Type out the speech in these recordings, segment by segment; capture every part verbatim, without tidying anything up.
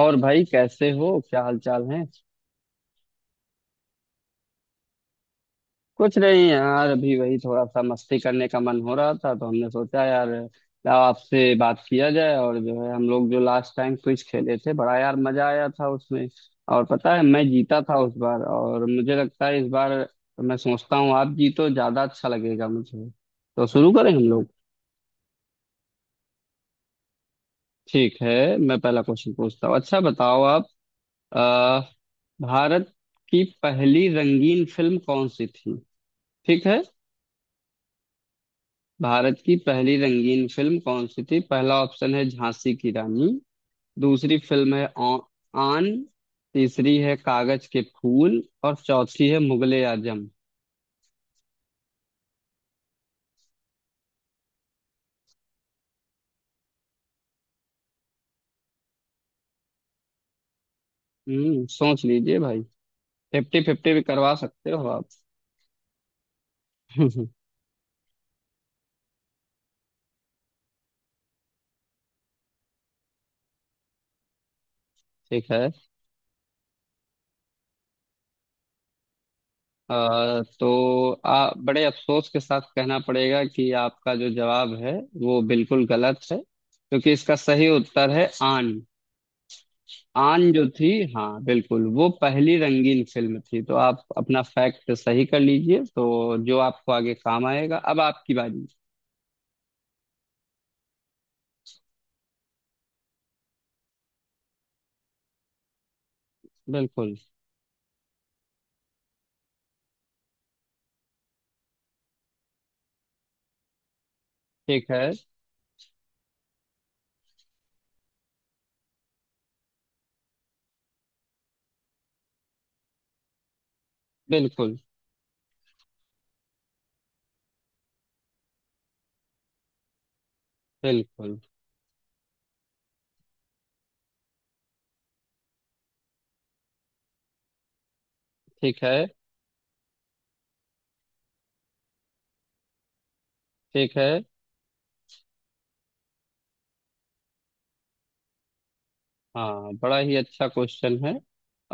और भाई, कैसे हो? क्या हाल चाल है? कुछ नहीं यार, अभी वही थोड़ा सा मस्ती करने का मन हो रहा था तो हमने सोचा यार, लाओ आपसे बात किया जाए। और जो है हम लोग जो लास्ट टाइम क्विज खेले थे, बड़ा यार मजा आया था उसमें। और पता है, मैं जीता था उस बार, और मुझे लगता है इस बार मैं सोचता हूँ आप जीतो ज्यादा अच्छा लगेगा मुझे। तो शुरू करें हम लोग। ठीक है। मैं पहला क्वेश्चन पूछता हूँ। अच्छा बताओ आप, अ, भारत की पहली रंगीन फिल्म कौन सी थी? ठीक है। भारत की पहली रंगीन फिल्म कौन सी थी? पहला ऑप्शन है झांसी की रानी, दूसरी फिल्म है औ- आन, तीसरी है कागज के फूल, और चौथी है मुगले आजम। हम्म, सोच लीजिए भाई। फिफ्टी फिफ्टी भी करवा सकते हो आप। ठीक है। आ, तो आ, बड़े अफसोस के साथ कहना पड़ेगा कि आपका जो जवाब है वो बिल्कुल गलत है, क्योंकि इसका सही उत्तर है आन। आन जो थी, हाँ बिल्कुल, वो पहली रंगीन फिल्म थी। तो आप अपना फैक्ट सही कर लीजिए तो जो आपको आगे काम आएगा। अब आपकी बारी। बिल्कुल। ठीक है। बिल्कुल बिल्कुल। ठीक है। ठीक है। हाँ, बड़ा ही अच्छा क्वेश्चन है,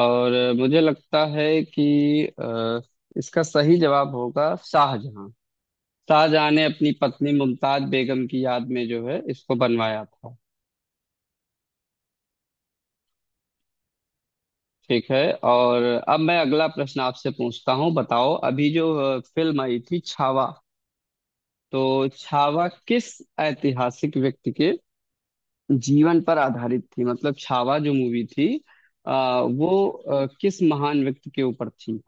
और मुझे लगता है कि अ, इसका सही जवाब होगा शाहजहां। शाहजहां ने अपनी पत्नी मुमताज बेगम की याद में जो है इसको बनवाया था। ठीक है। और अब मैं अगला प्रश्न आपसे पूछता हूँ। बताओ, अभी जो अ, फिल्म आई थी छावा, तो छावा किस ऐतिहासिक व्यक्ति के जीवन पर आधारित थी? मतलब छावा जो मूवी थी, आ, वो अ, किस महान व्यक्ति के ऊपर थी?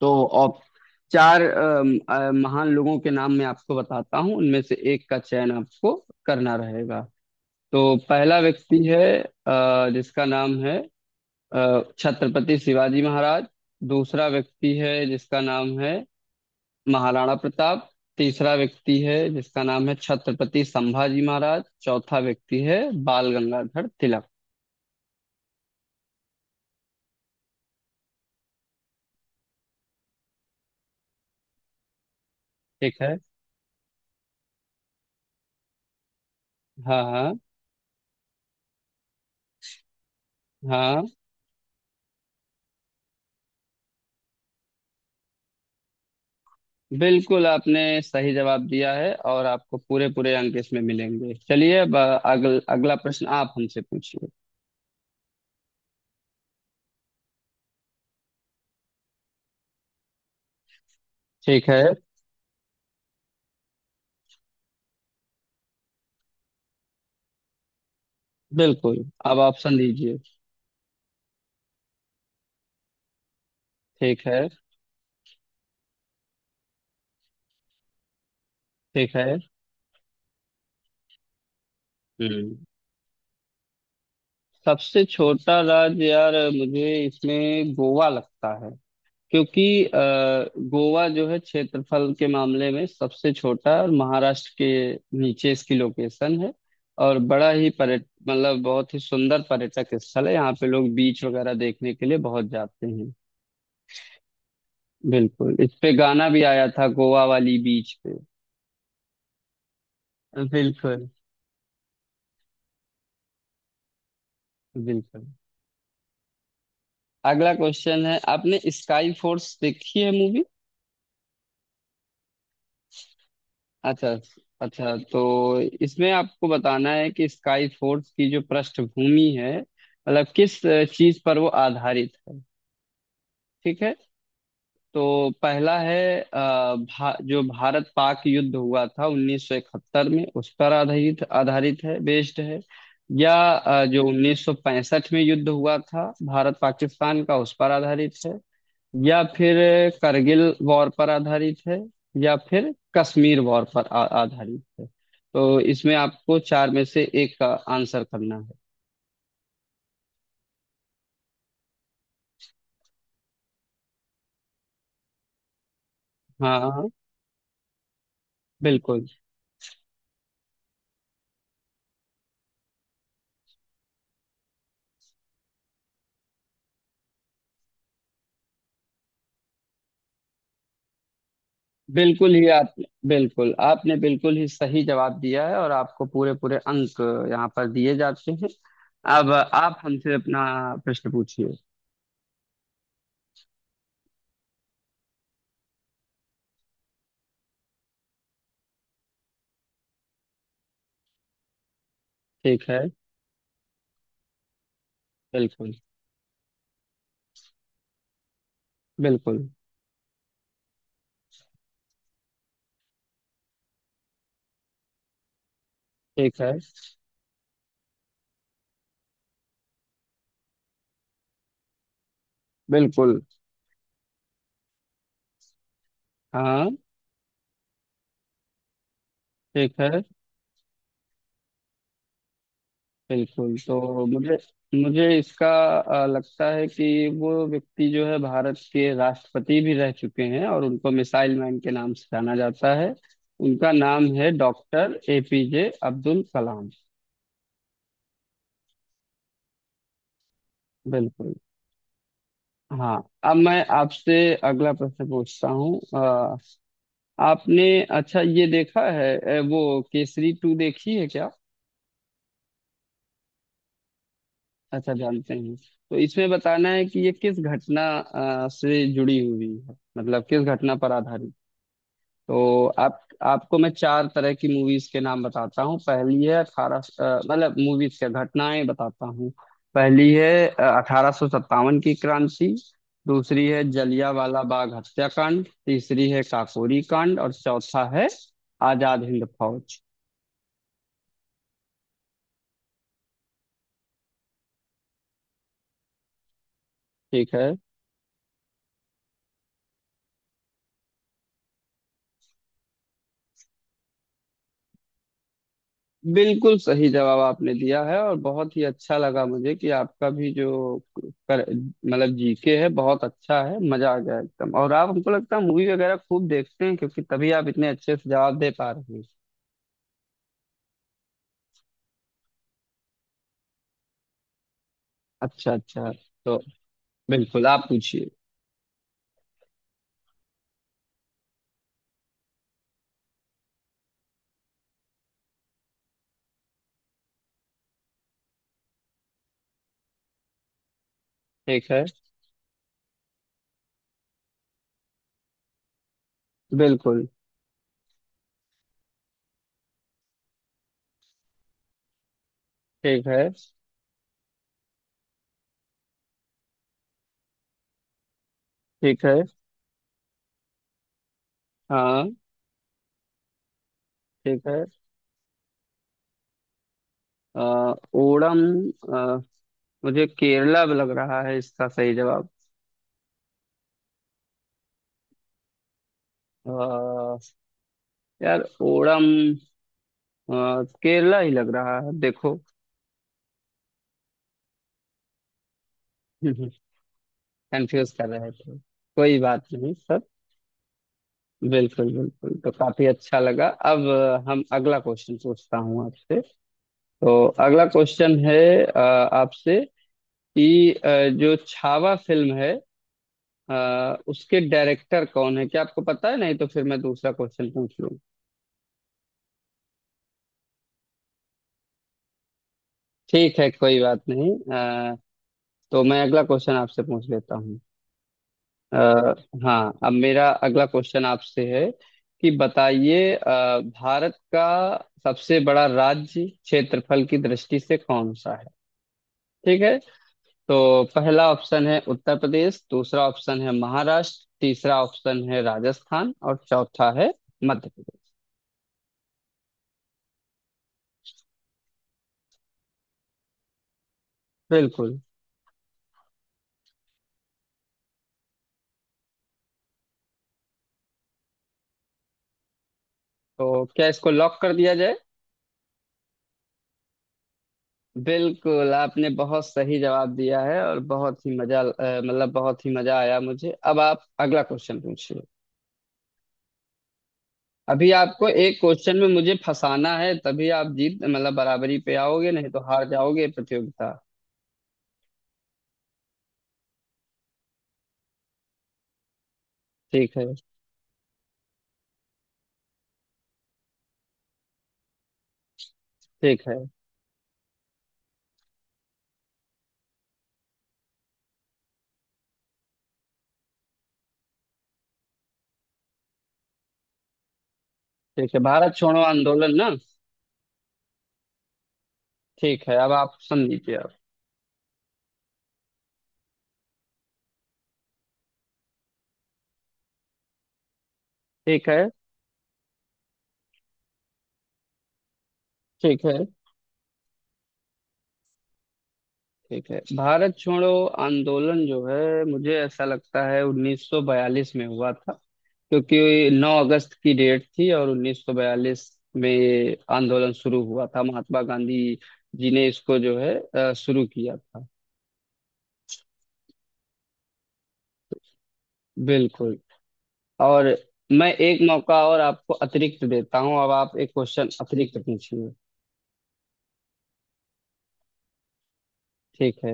तो ऑप चार अम, अ, महान लोगों के नाम मैं आपको बताता हूँ, उनमें से एक का चयन आपको करना रहेगा। तो पहला व्यक्ति है अ, जिसका नाम है अ, छत्रपति शिवाजी महाराज। दूसरा व्यक्ति है जिसका नाम है महाराणा प्रताप। तीसरा व्यक्ति है जिसका नाम है छत्रपति संभाजी महाराज। चौथा व्यक्ति है बाल गंगाधर तिलक। ठीक है। हाँ हाँ हाँ। बिल्कुल आपने सही जवाब दिया है, और आपको पूरे पूरे अंक इसमें मिलेंगे। चलिए, अब अ, अगल, अगला प्रश्न आप हमसे पूछिए। ठीक है। बिल्कुल। अब ऑप्शन दीजिए। ठीक है। ठीक है। हम्म। सबसे छोटा राज्य यार मुझे इसमें गोवा लगता है, क्योंकि अ, गोवा जो है क्षेत्रफल के मामले में सबसे छोटा है और महाराष्ट्र के नीचे इसकी लोकेशन है। और बड़ा ही पर्यट मतलब बहुत ही सुंदर पर्यटक स्थल है, यहाँ पे लोग बीच वगैरह देखने के लिए बहुत जाते हैं। बिल्कुल, इस पे गाना भी आया था, गोवा वाली बीच पे। बिल्कुल बिल्कुल। अगला क्वेश्चन है, आपने स्काई फोर्स देखी है मूवी? अच्छा। अच्छा, तो इसमें आपको बताना है कि स्काई फोर्स की जो पृष्ठभूमि है, मतलब किस चीज पर वो आधारित है। ठीक है। तो पहला है अ, भा, जो भारत पाक युद्ध हुआ था उन्नीस सौ इकहत्तर में उस पर आधारित आधारित है, बेस्ड है। या अ, जो उन्नीस सौ पैंसठ में युद्ध हुआ था भारत पाकिस्तान का, उस पर आधारित है। या फिर करगिल वॉर पर आधारित है। या फिर कश्मीर वॉर पर आ, आधारित है। तो इसमें आपको चार में से एक का आंसर करना है। हाँ हाँ। बिल्कुल। बिल्कुल ही आप बिल्कुल आपने बिल्कुल ही सही जवाब दिया है, और आपको पूरे पूरे अंक यहाँ पर दिए जाते हैं। अब आप हमसे अपना प्रश्न पूछिए। ठीक है। बिल्कुल। बिल्कुल। ठीक है। बिल्कुल। हाँ। ठीक है। बिल्कुल, तो मुझे मुझे इसका अ, लगता है कि वो व्यक्ति जो है भारत के राष्ट्रपति भी रह चुके हैं और उनको मिसाइल मैन के नाम से जाना जाता है। उनका नाम है डॉक्टर एपीजे अब्दुल कलाम। बिल्कुल। हाँ। अब मैं आपसे अगला प्रश्न पूछता हूँ। अ, आपने अच्छा ये देखा है अ, वो केसरी टू देखी है क्या? अच्छा, जानते हैं। तो इसमें बताना है कि ये किस घटना अ, से जुड़ी हुई है, मतलब किस घटना पर आधारित। तो आप आपको मैं चार तरह की मूवीज के नाम बताता हूँ। पहली है अठारह, मतलब मूवीज क्या, घटनाएं बताता हूँ। पहली है अठारह सौ सत्तावन की क्रांति। दूसरी है जलियांवाला बाग हत्याकांड। तीसरी है काकोरी कांड और चौथा है आजाद हिंद फौज। ठीक है। बिल्कुल सही जवाब आपने दिया है, और बहुत ही अच्छा लगा मुझे कि आपका भी जो कर, मतलब जीके है बहुत अच्छा है। मजा आ गया एकदम। और आप हमको लगता है मूवी वगैरह खूब देखते हैं, क्योंकि तभी आप इतने अच्छे से जवाब दे पा रहे हैं। अच्छा अच्छा, तो बिल्कुल आप पूछिए। ठीक है। बिल्कुल। ठीक है। ठीक है। हाँ। ठीक है। अ, ओणम। अ, मुझे केरला लग रहा है इसका सही जवाब। अ, यार, ओणम, आ, केरला ही लग रहा है देखो। कंफ्यूज कर रहे थे। कोई बात नहीं सर। बिल्कुल बिल्कुल, तो काफी अच्छा लगा। अब अ, हम अगला क्वेश्चन पूछता हूँ आपसे। तो अगला क्वेश्चन है अ, आपसे, कि अ, जो छावा फिल्म है अ, उसके डायरेक्टर कौन है, क्या आपको पता है? नहीं तो फिर मैं दूसरा क्वेश्चन पूछ लूँ। ठीक है, कोई बात नहीं। अ, तो मैं अगला क्वेश्चन आपसे पूछ लेता हूँ। अ, हाँ, अब मेरा अगला क्वेश्चन आपसे है कि बताइए अ, भारत का सबसे बड़ा राज्य क्षेत्रफल की दृष्टि से कौन सा है? ठीक है। तो पहला ऑप्शन है उत्तर प्रदेश, दूसरा ऑप्शन है महाराष्ट्र, तीसरा ऑप्शन है राजस्थान, और चौथा है मध्य प्रदेश। बिल्कुल। तो क्या इसको लॉक कर दिया जाए? बिल्कुल आपने बहुत सही जवाब दिया है, और बहुत ही मजा अ, मतलब बहुत ही मजा आया मुझे। अब आप अगला क्वेश्चन पूछिए। अभी आपको एक क्वेश्चन में मुझे फंसाना है, तभी आप जीत मतलब बराबरी पे आओगे, नहीं तो हार जाओगे प्रतियोगिता। ठीक है। ठीक है। ठीक है, भारत छोड़ो आंदोलन ना। ठीक है, अब आप सुन लीजिए आप। ठीक है। ठीक है। ठीक है। भारत छोड़ो आंदोलन जो है, मुझे ऐसा लगता है उन्नीस सौ बयालीस में हुआ था, क्योंकि नौ अगस्त की डेट थी और उन्नीस सौ बयालीस में ये आंदोलन शुरू हुआ था। महात्मा गांधी जी ने इसको जो है अ, शुरू किया था। बिल्कुल। और मैं एक मौका और आपको अतिरिक्त देता हूँ। अब आप एक क्वेश्चन अतिरिक्त पूछिए। ठीक है।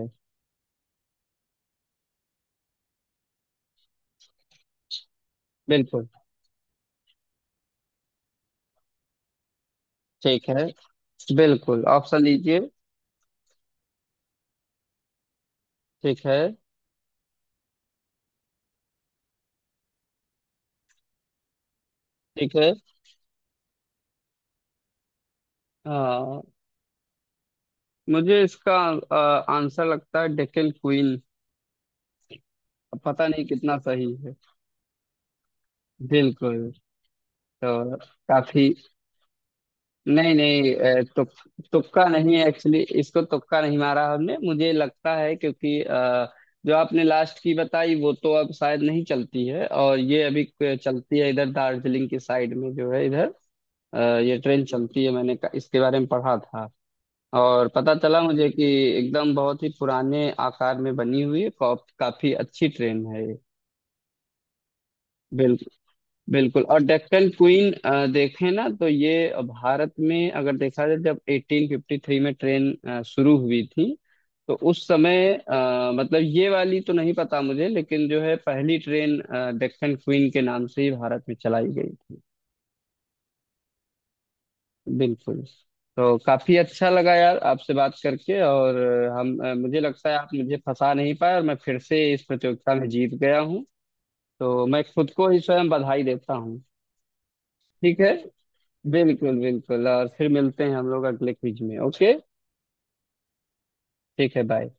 बिल्कुल। ठीक है। बिल्कुल, ऑप्शन दीजिए। ठीक है। ठीक है। आ, मुझे इसका आ, आंसर लगता है डेक्कन क्वीन। पता नहीं कितना सही है। बिल्कुल। तो काफी, नहीं नहीं, अ, तुक, तुक्का नहीं है। एक्चुअली इसको तुक्का नहीं मारा हमने, मुझे लगता है। क्योंकि अ, जो आपने लास्ट की बताई वो तो अब शायद नहीं चलती है, और ये अभी क- चलती है इधर, दार्जिलिंग की साइड में जो है इधर अ, ये ट्रेन चलती है। मैंने का- इसके बारे में पढ़ा था, और पता चला मुझे कि एकदम बहुत ही पुराने आकार में बनी हुई है। कॉफ- काफी अच्छी ट्रेन है ये। बिल्कुल। और डेक्कन क्वीन, अ, देखें ना तो ये, भारत में अगर देखा जाए, जब एटीन फ़िफ़्टी थ्री में ट्रेन अ, शुरू हुई थी, तो उस समय अ, मतलब ये वाली तो नहीं पता मुझे, लेकिन जो है पहली ट्रेन अ, डेक्कन क्वीन के नाम से ही भारत में चलाई गई थी। बिल्कुल। तो काफी अच्छा लगा यार आपसे बात करके। और हम अ, मुझे लगता है आप मुझे फंसा नहीं पाए, और मैं फिर से इस प्रतियोगिता में जीत गया हूँ। तो मैं खुद को ही स्वयं बधाई देता हूँ। ठीक है। बिल्कुल बिल्कुल। और फिर मिलते हैं हम लोग अगले क्विज में। ओके। ठीक है। बाय।